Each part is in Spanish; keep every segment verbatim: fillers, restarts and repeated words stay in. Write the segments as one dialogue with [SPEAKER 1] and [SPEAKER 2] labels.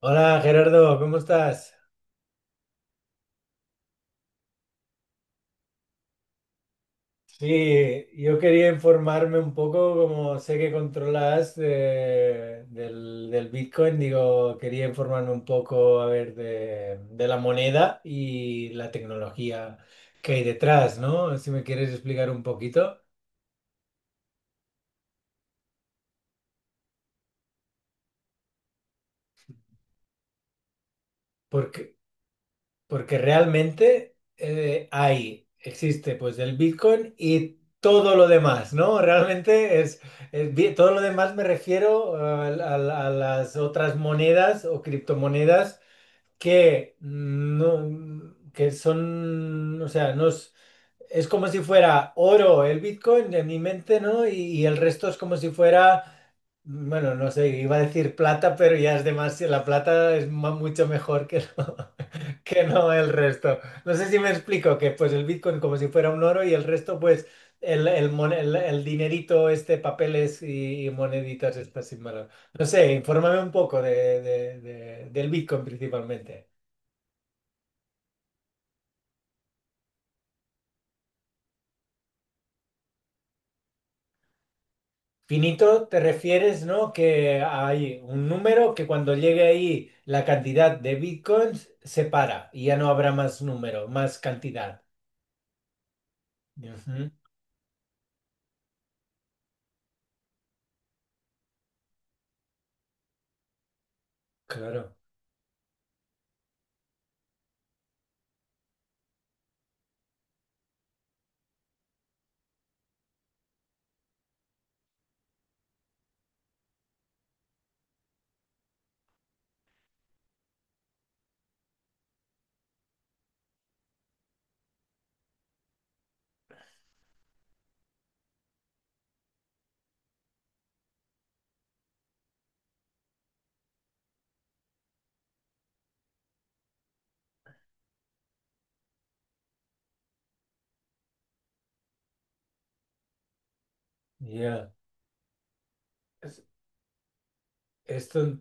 [SPEAKER 1] Hola Gerardo, ¿cómo estás? Sí, yo quería informarme un poco, como sé que controlas de- del, del Bitcoin, digo, quería informarme un poco, a ver, de, de la moneda y la tecnología que hay detrás, ¿no? Si me quieres explicar un poquito. Porque Porque realmente eh, hay, existe pues el Bitcoin y todo lo demás, ¿no? Realmente es, es bi- Todo lo demás me refiero al- al- a, las otras monedas o criptomonedas que no, que son, o sea, no es, es como si fuera oro el Bitcoin en mi mente, ¿no? Y, y el resto es como si fuera bueno, no sé, iba a decir plata, pero ya es demasiado. La plata es ma- mucho mejor que no, que no el resto. No sé si me explico, que pues el Bitcoin como si fuera un oro, y el resto pues el, el, mon- el- el dinerito, este, papeles y, y moneditas estas sin valor. No sé, infórmame un poco de, de- de- del Bitcoin principalmente. Finito, te refieres, ¿no? Que hay un número que cuando llegue ahí la cantidad de Bitcoins se para, y ya no habrá más número, más cantidad. Ujú. Claro, ya. Es- Esto,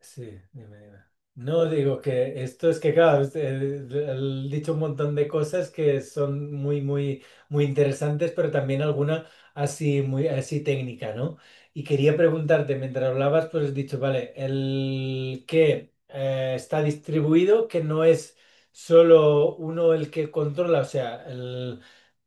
[SPEAKER 1] sí, dime, dime. No digo, que esto es que, claro, es- el- el- he dicho un montón de cosas que son muy, muy, muy interesantes, pero también alguna así, muy, así técnica, ¿no? Y quería preguntarte, mientras hablabas, pues has dicho, vale, el que eh, está distribuido, que no es solo uno el que controla, o sea,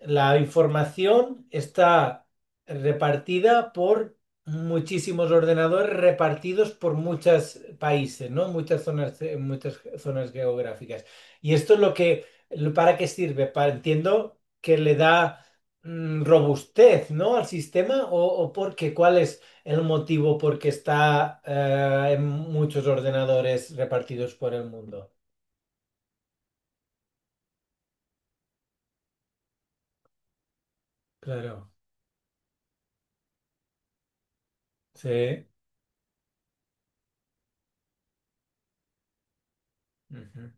[SPEAKER 1] la información está repartida por muchísimos ordenadores repartidos por muchos países, ¿no? Muchas zonas, eh, muchas zonas geográficas. Y esto es lo que, lo- ¿para qué sirve? Para, entiendo que le da mm, robustez, ¿no? Al sistema, o, o porque, ¿cuál es el motivo por qué está eh, en muchos ordenadores repartidos por el mundo? Claro, sí. Ujú.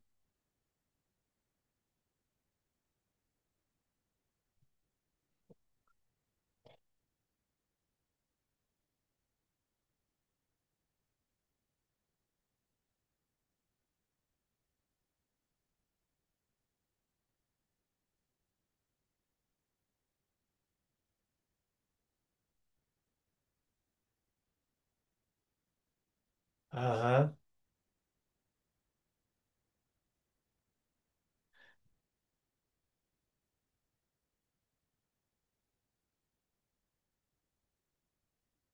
[SPEAKER 1] Ajá,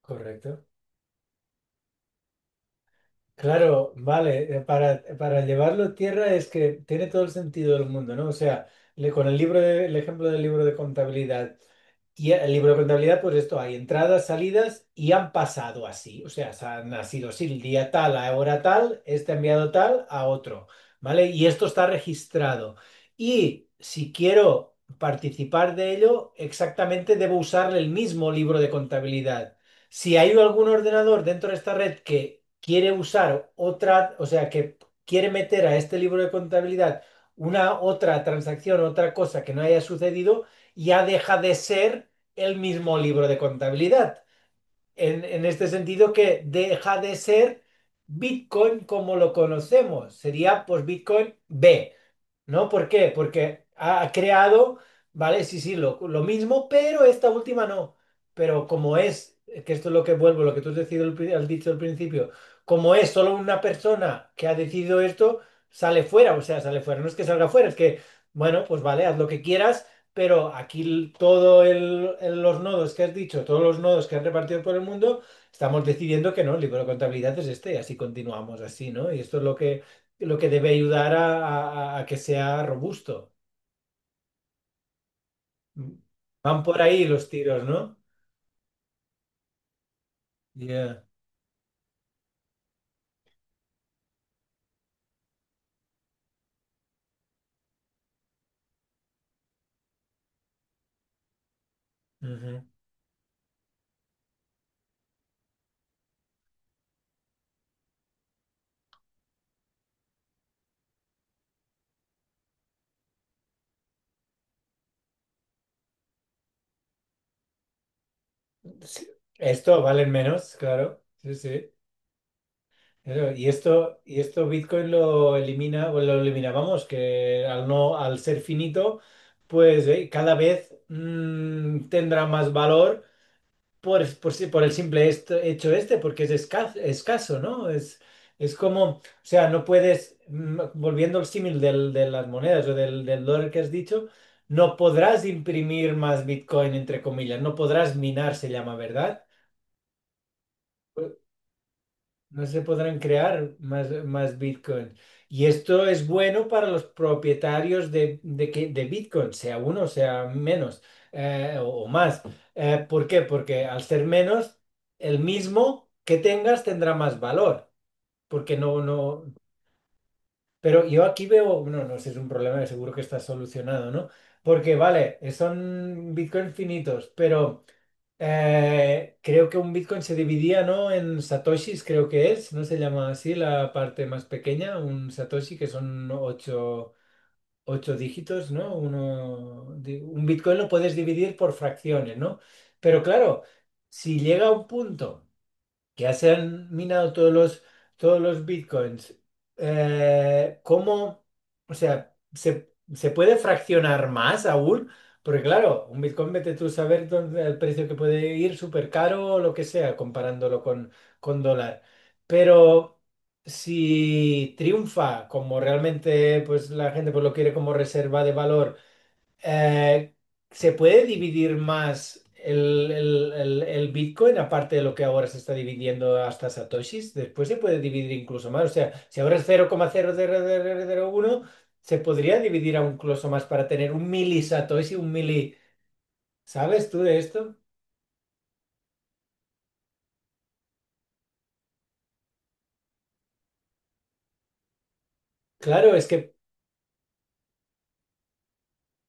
[SPEAKER 1] correcto. Claro, vale, eh, para, para llevarlo a tierra, es que tiene todo el sentido del mundo, ¿no? O sea, le- con el libro de- el ejemplo del libro de contabilidad. Y el libro de contabilidad, pues esto, hay entradas, salidas y han pasado así. O sea, se han nacido así, el día tal, a hora tal, este ha enviado tal a otro, ¿vale? Y esto está registrado. Y si quiero participar de ello, exactamente debo usar el mismo libro de contabilidad. Si hay algún ordenador dentro de esta red que quiere usar otra, o sea, que quiere meter a este libro de contabilidad una otra transacción, otra cosa que no haya sucedido, ya deja de ser el mismo libro de contabilidad. En, en este sentido, que deja de ser Bitcoin como lo conocemos, sería pues Bitcoin B. ¿No? ¿Por qué? Porque ha creado, ¿vale? Sí, sí, lo, lo mismo, pero esta última no. Pero como es, que esto es lo que vuelvo, lo que tú has decidido al pri- has dicho al principio, como es solo una persona que ha decidido esto, sale fuera, o sea, sale fuera. No es que salga fuera, es que, bueno, pues vale, haz lo que quieras, pero aquí l- todo el, el- los nodos que has dicho, todos los nodos que has repartido por el mundo, estamos decidiendo que no, el libro de contabilidad es este, y así continuamos así, ¿no? Y esto es lo que lo que debe ayudar a, a- a que sea robusto. Van por ahí los tiros, ¿no? Ya. Ujú. Sí. Esto valen menos, claro. Sí, sí. Claro, y esto, y esto Bitcoin lo elimina, o lo eliminábamos, que al no, al ser finito, pues eh, cada vez mm, tendrá más valor por, por, si- por el simple esto- hecho este, porque es esca- escaso, ¿no? Es, es como, o sea, no puedes, mm, volviendo al símil del- de las monedas o del, del dólar que has dicho, no podrás imprimir más Bitcoin, entre comillas, no podrás minar, se llama, ¿verdad? No se podrán crear más, más Bitcoin. Y esto es bueno para los propietarios de, de, que- de Bitcoin, sea uno, sea menos eh, o, o más. Eh, ¿por qué? Porque al ser menos, el mismo que tengas tendrá más valor. Porque no, no. Pero yo aquí veo, no, no sé, es un problema que seguro que está solucionado, ¿no? Porque vale, son Bitcoin finitos, pero. Eh, creo que un Bitcoin se dividía, ¿no? En satoshis, creo que es, ¿no se llama así la parte más pequeña? Un satoshi, que son ocho, ocho dígitos, ¿no? Uno, di- un Bitcoin lo puedes dividir por fracciones, ¿no? Pero claro, si llega a un punto que ya se han minado todos los, todos los bitcoins, eh, ¿cómo? O sea, ¿se, se puede fraccionar más aún? Porque claro, un bitcoin vete tú a saber dónde, el precio que puede ir súper caro o lo que sea, comparándolo con, con dólar. Pero si triunfa como realmente pues, la gente pues, lo quiere como reserva de valor, eh, ¿se puede dividir más el, el- el- el Bitcoin, aparte de lo que ahora se está dividiendo hasta Satoshis? Después se puede dividir incluso más. O sea, si ahora es cero coma cero cero cero coma uno, se podría dividir aún incluso más para tener un mili Satoshi, un mili. ¿Sabes tú de esto? Claro, es que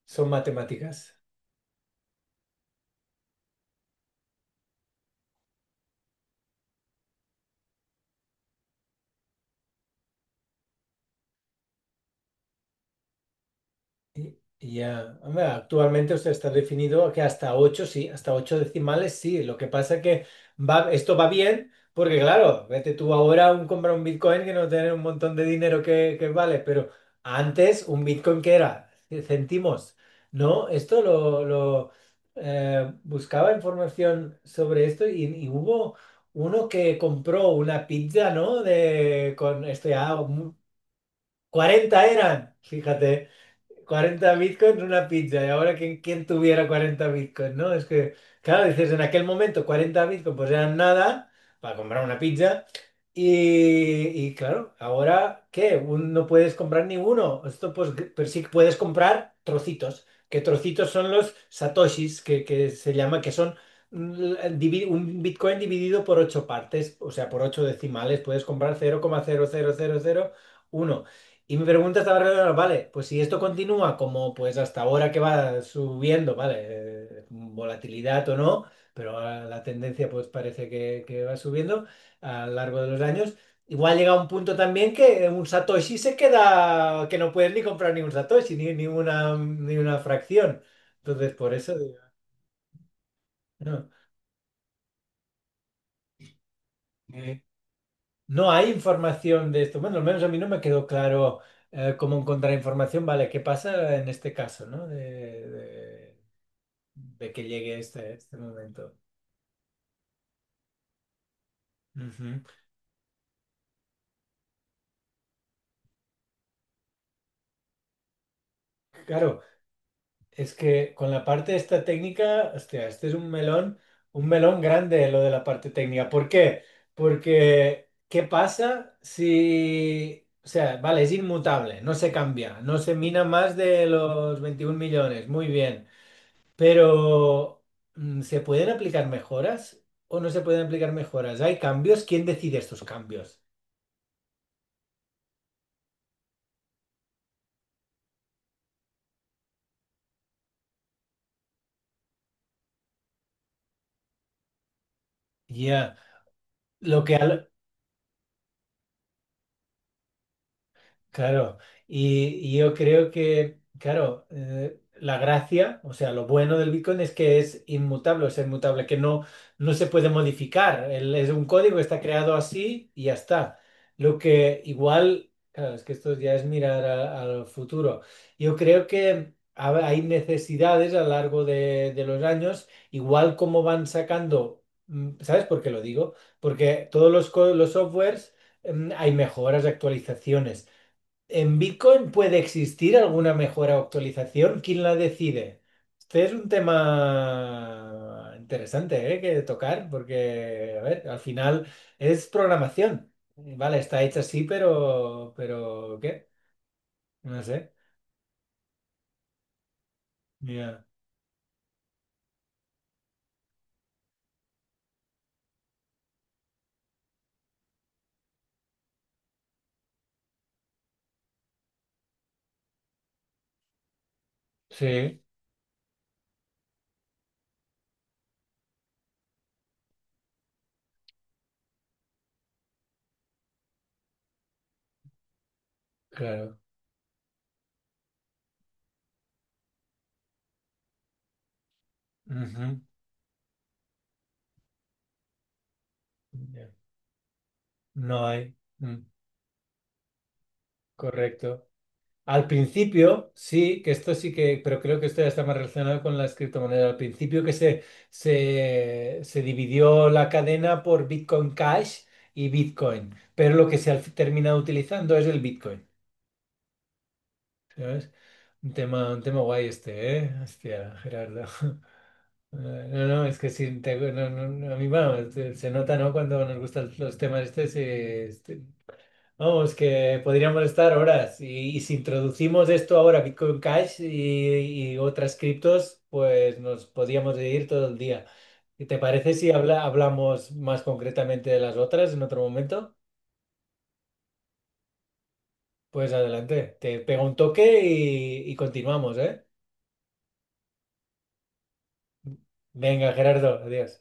[SPEAKER 1] son matemáticas. Y- Ya, hombre, actualmente usted está definido que hasta ocho sí, hasta ocho decimales, sí. Lo que pasa que va, esto va bien, porque claro, vete tú ahora a comprar un Bitcoin que no tiene un montón de dinero que, que vale, pero antes un Bitcoin que era centimos, ¿no? Esto lo, lo, eh, buscaba información sobre esto, y, y hubo uno que compró una pizza, ¿no? De, con esto ya, cuarenta eran, fíjate. Cuarenta bitcoins una pizza. Y ahora, ¿quién, quién tuviera cuarenta bitcoins, no? Es que, claro, dices, en aquel momento cuarenta bitcoins pues eran nada para comprar una pizza. Y, y claro, ahora, ¿qué? Un- no puedes comprar ninguno. Esto, pues, que- pero sí que puedes comprar trocitos. Que trocitos son los satoshis, que, que se llama, que son mm, el divi- un bitcoin dividido por ocho partes, o sea, por ocho decimales. Puedes comprar cero coma cero cero cero cero coma uno, y mi pregunta estaba relacionada, vale, pues si esto continúa como pues hasta ahora que va subiendo, vale, eh, volatilidad o no, pero ah, la tendencia pues parece que, que va subiendo a lo largo de los años, igual llega un punto también que un Satoshi se queda, que no puedes ni comprar ni un Satoshi, ni, ni una, ni una fracción. Entonces, por eso digo, no. Eh, no hay información de esto. Bueno, al menos a mí no me quedó claro eh, cómo encontrar información. Vale, ¿qué pasa en este caso, ¿no? De, de- de que llegue este, este momento. Ujú. Claro, es que con la parte de esta técnica, hostia, este es un melón, un melón grande lo de la parte técnica. ¿Por qué? Porque, ¿qué pasa si, o sea, vale, es inmutable, no se cambia, no se mina más de los veintiún millones, muy bien, pero mm, ¿se pueden aplicar mejoras o no se pueden aplicar mejoras? ¿Hay cambios? ¿Quién decide estos cambios? Ya, lo que, claro, y, y yo creo que, claro, eh, la gracia, o sea, lo bueno del Bitcoin es que es inmutable, es inmutable, que no, no se puede modificar. El- es un código, está creado así y ya está. Lo que igual, claro, es que esto ya es mirar a- al futuro. Yo creo que ha- hay necesidades a lo largo de, de los años, igual como van sacando, mm, ¿sabes por qué lo digo? Porque todos los, co- los softwares, mm, hay mejoras, actualizaciones. ¿En Bitcoin puede existir alguna mejora o actualización? ¿Quién la decide? Este es un tema interesante, ¿eh? Que tocar, porque, a ver, al final es programación. Vale, está hecha así, pero, pero ¿qué? No sé. Ya. Sí, claro. Ujú. Ya. No hay. Mm, Correcto. Al principio, sí, que esto sí que, pero creo que esto ya está más relacionado con las criptomonedas. Al principio que se, se, se dividió la cadena por Bitcoin Cash y Bitcoin, pero lo que se ha terminado utilizando es el Bitcoin, ¿sabes? Un tema, un tema guay este, ¿eh? Hostia, Gerardo. Eh, no, no, es que sí, te- no, no, no, a mí bueno, se, se nota, ¿no? Cuando nos gustan los temas estos, eh, este, vamos, que podríamos estar horas. Y, y si introducimos esto ahora, Bitcoin Cash y, y otras criptos, pues nos podríamos ir todo el día. ¿Y te parece si habla- hablamos más concretamente de las otras en otro momento? Pues adelante, te pego un toque y, y continuamos, ¿eh? Venga, Gerardo, adiós.